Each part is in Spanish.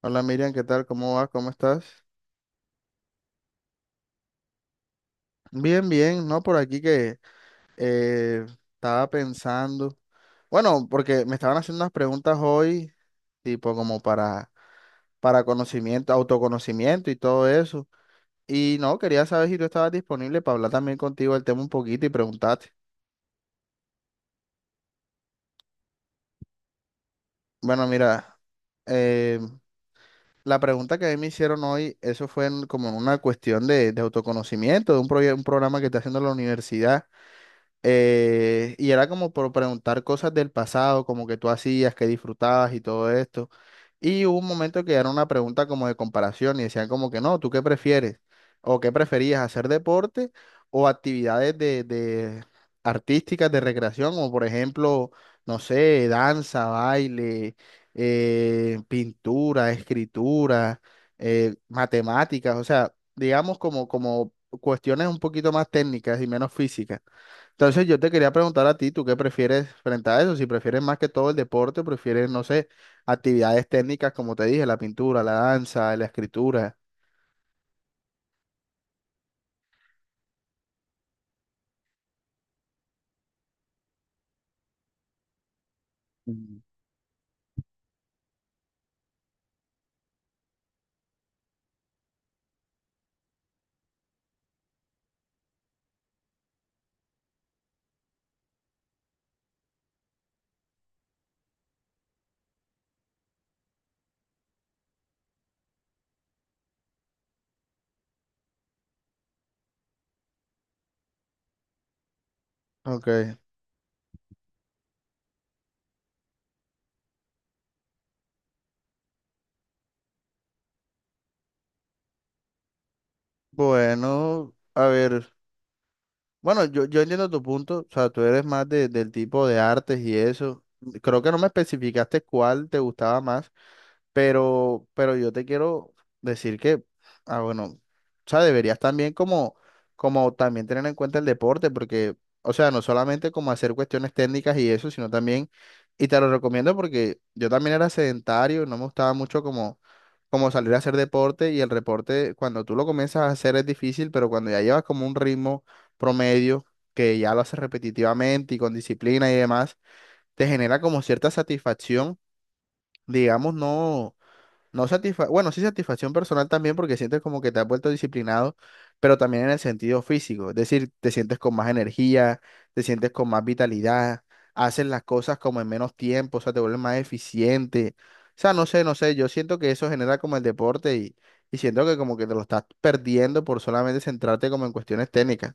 Hola Miriam, ¿qué tal? ¿Cómo vas? ¿Cómo estás? Bien, bien, ¿no? Por aquí que eh, estaba pensando, bueno, porque me estaban haciendo unas preguntas hoy, tipo como para conocimiento, autoconocimiento y todo eso. Y no, quería saber si tú estabas disponible para hablar también contigo del tema un poquito y preguntarte. Bueno, mira, eh, la pregunta que a mí me hicieron hoy, eso fue como en una cuestión de autoconocimiento, de un, un programa que está haciendo la universidad. Y era como por preguntar cosas del pasado, como que tú hacías, que disfrutabas y todo esto. Y hubo un momento que era una pregunta como de comparación y decían como que no, ¿tú qué prefieres? ¿O qué preferías, hacer deporte o actividades de artísticas de recreación? Como por ejemplo, no sé, danza, baile, pintura, escritura, matemáticas, o sea, digamos como, como cuestiones un poquito más técnicas y menos físicas. Entonces yo te quería preguntar a ti, ¿tú qué prefieres frente a eso? Si prefieres más que todo el deporte, o prefieres, no sé, actividades técnicas, como te dije, la pintura, la danza, la escritura. Mm. Ok, bueno, a ver, bueno, yo entiendo tu punto, o sea, tú eres más del tipo de artes y eso. Creo que no me especificaste cuál te gustaba más. Pero yo te quiero decir que, ah, bueno, o sea, deberías también como, como también tener en cuenta el deporte, porque, o sea, no solamente como hacer cuestiones técnicas y eso, sino también, y te lo recomiendo porque yo también era sedentario, no me gustaba mucho como, como salir a hacer deporte y el deporte cuando tú lo comienzas a hacer es difícil, pero cuando ya llevas como un ritmo promedio, que ya lo haces repetitivamente y con disciplina y demás, te genera como cierta satisfacción, digamos, no no satisfa bueno, sí satisfacción personal también porque sientes como que te has vuelto disciplinado, pero también en el sentido físico, es decir, te sientes con más energía, te sientes con más vitalidad, haces las cosas como en menos tiempo, o sea, te vuelves más eficiente. O sea, no sé, no sé, yo siento que eso genera como el deporte y siento que como que te lo estás perdiendo por solamente centrarte como en cuestiones técnicas.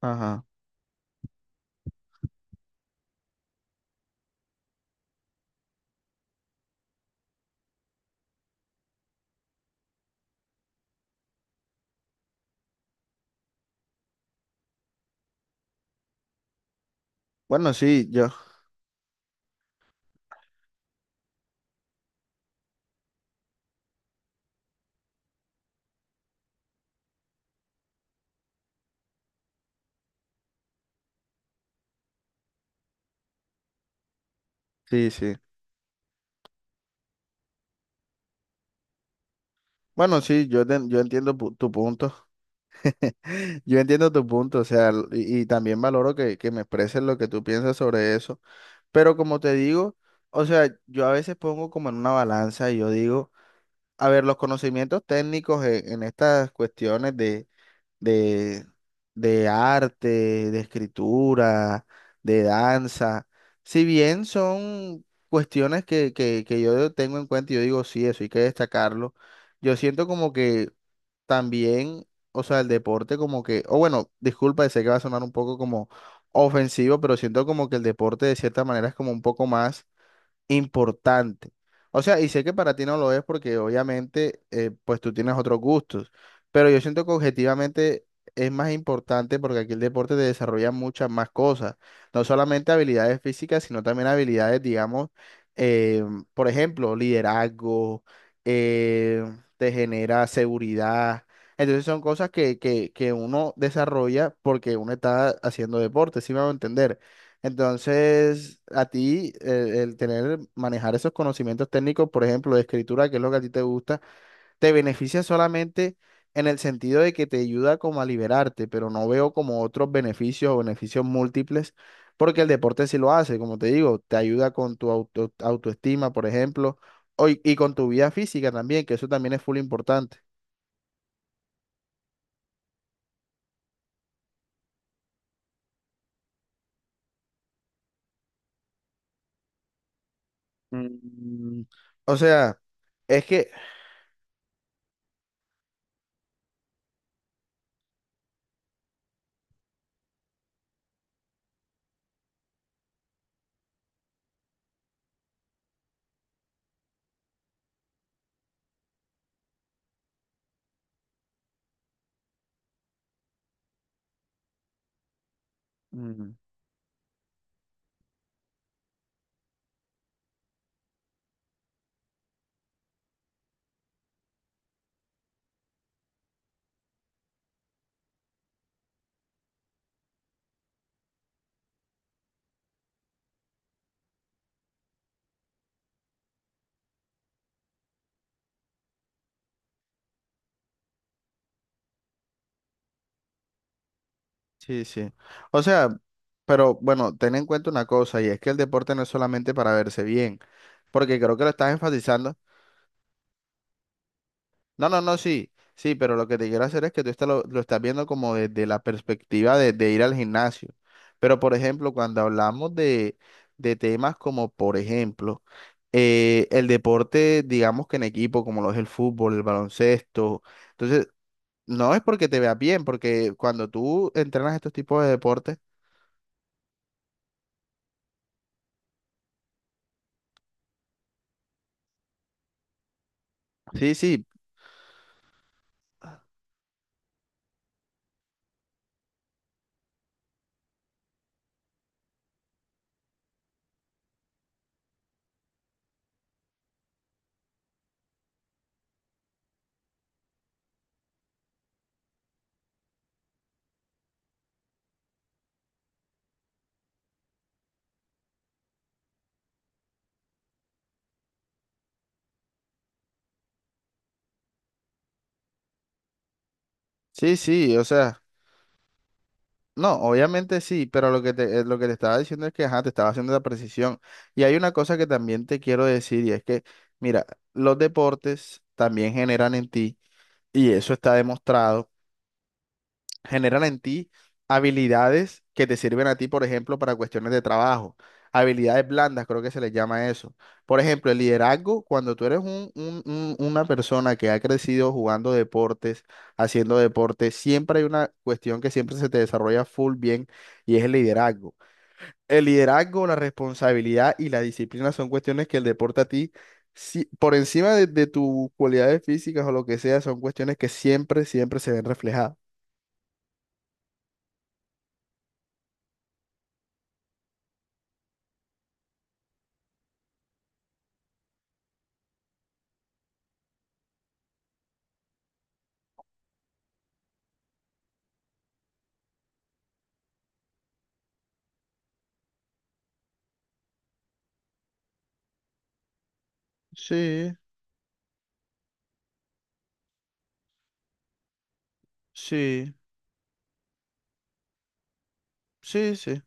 Ajá. Bueno, sí, yo, sí, sí. Bueno, sí, yo, yo entiendo tu punto. Yo entiendo tu punto, o sea, y también valoro que me expreses lo que tú piensas sobre eso, pero como te digo, o sea, yo a veces pongo como en una balanza y yo digo, a ver, los conocimientos técnicos en estas cuestiones de, de arte, de escritura, de danza, si bien son cuestiones que yo tengo en cuenta y yo digo, sí, eso hay que destacarlo, yo siento como que también, o sea, el deporte como que, o bueno, disculpa, sé que va a sonar un poco como ofensivo, pero siento como que el deporte de cierta manera es como un poco más importante. O sea, y sé que para ti no lo es porque obviamente pues tú tienes otros gustos, pero yo siento que objetivamente es más importante porque aquí el deporte te desarrolla muchas más cosas, no solamente habilidades físicas, sino también habilidades, digamos, eh, por ejemplo, liderazgo, eh, te genera seguridad. Entonces son cosas que uno desarrolla porque uno está haciendo deporte, ¿sí me a entender? Entonces, a ti, el tener, manejar esos conocimientos técnicos, por ejemplo, de escritura, que es lo que a ti te gusta, te beneficia solamente en el sentido de que te ayuda como a liberarte, pero no veo como otros beneficios o beneficios múltiples, porque el deporte sí lo hace, como te digo, te ayuda con tu autoestima, por ejemplo, o y con tu vida física también, que eso también es full importante. Mm. O sea, es que... mm. Sí, sí. O sea, pero bueno, ten en cuenta una cosa, y es que el deporte no es solamente para verse bien, porque creo que lo estás enfatizando. No, no, no, sí, sí, pero lo que te quiero hacer es que tú lo estás viendo como desde la perspectiva de ir al gimnasio. Pero, por ejemplo, cuando hablamos de temas como, por ejemplo, el deporte, digamos que en equipo, como lo es el fútbol, el baloncesto, entonces, no es porque te veas bien, porque cuando tú entrenas estos tipos de deportes, sí, sí. Sí, sí, o sea, no, obviamente sí, pero lo que te estaba diciendo es que, ajá, te estaba haciendo la precisión. Y hay una cosa que también te quiero decir y es que, mira, los deportes también generan en ti, y eso está demostrado, generan en ti habilidades que te sirven a ti, por ejemplo, para cuestiones de trabajo. Habilidades blandas, creo que se les llama eso. Por ejemplo, el liderazgo, cuando tú eres una persona que ha crecido jugando deportes, haciendo deportes, siempre hay una cuestión que siempre se te desarrolla full bien y es el liderazgo. El liderazgo, la responsabilidad y la disciplina son cuestiones que el deporte a ti, por encima de tus cualidades físicas o lo que sea, son cuestiones que siempre, siempre se ven reflejadas. Sí, sí, sí, sí.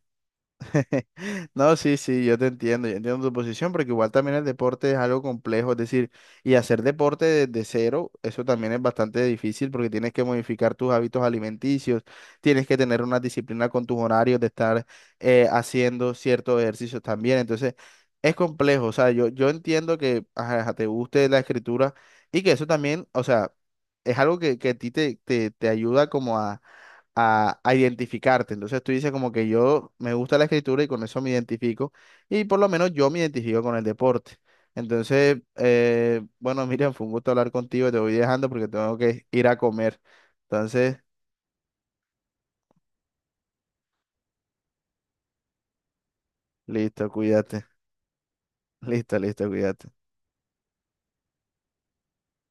No, sí, sí, yo te entiendo, yo entiendo tu posición, porque igual también el deporte es algo complejo, es decir, y hacer deporte desde cero, eso también es bastante difícil porque tienes que modificar tus hábitos alimenticios, tienes que tener una disciplina con tus horarios de estar haciendo ciertos ejercicios también, entonces es complejo, o sea, yo entiendo que ajá, ajá, te guste la escritura y que eso también, o sea, es algo que a ti te, te ayuda como a identificarte. Entonces tú dices como que yo me gusta la escritura y con eso me identifico y por lo menos yo me identifico con el deporte. Entonces, bueno, Miriam, fue un gusto hablar contigo, te voy dejando porque tengo que ir a comer. Entonces, listo, cuídate. Listo, listo, cuídate.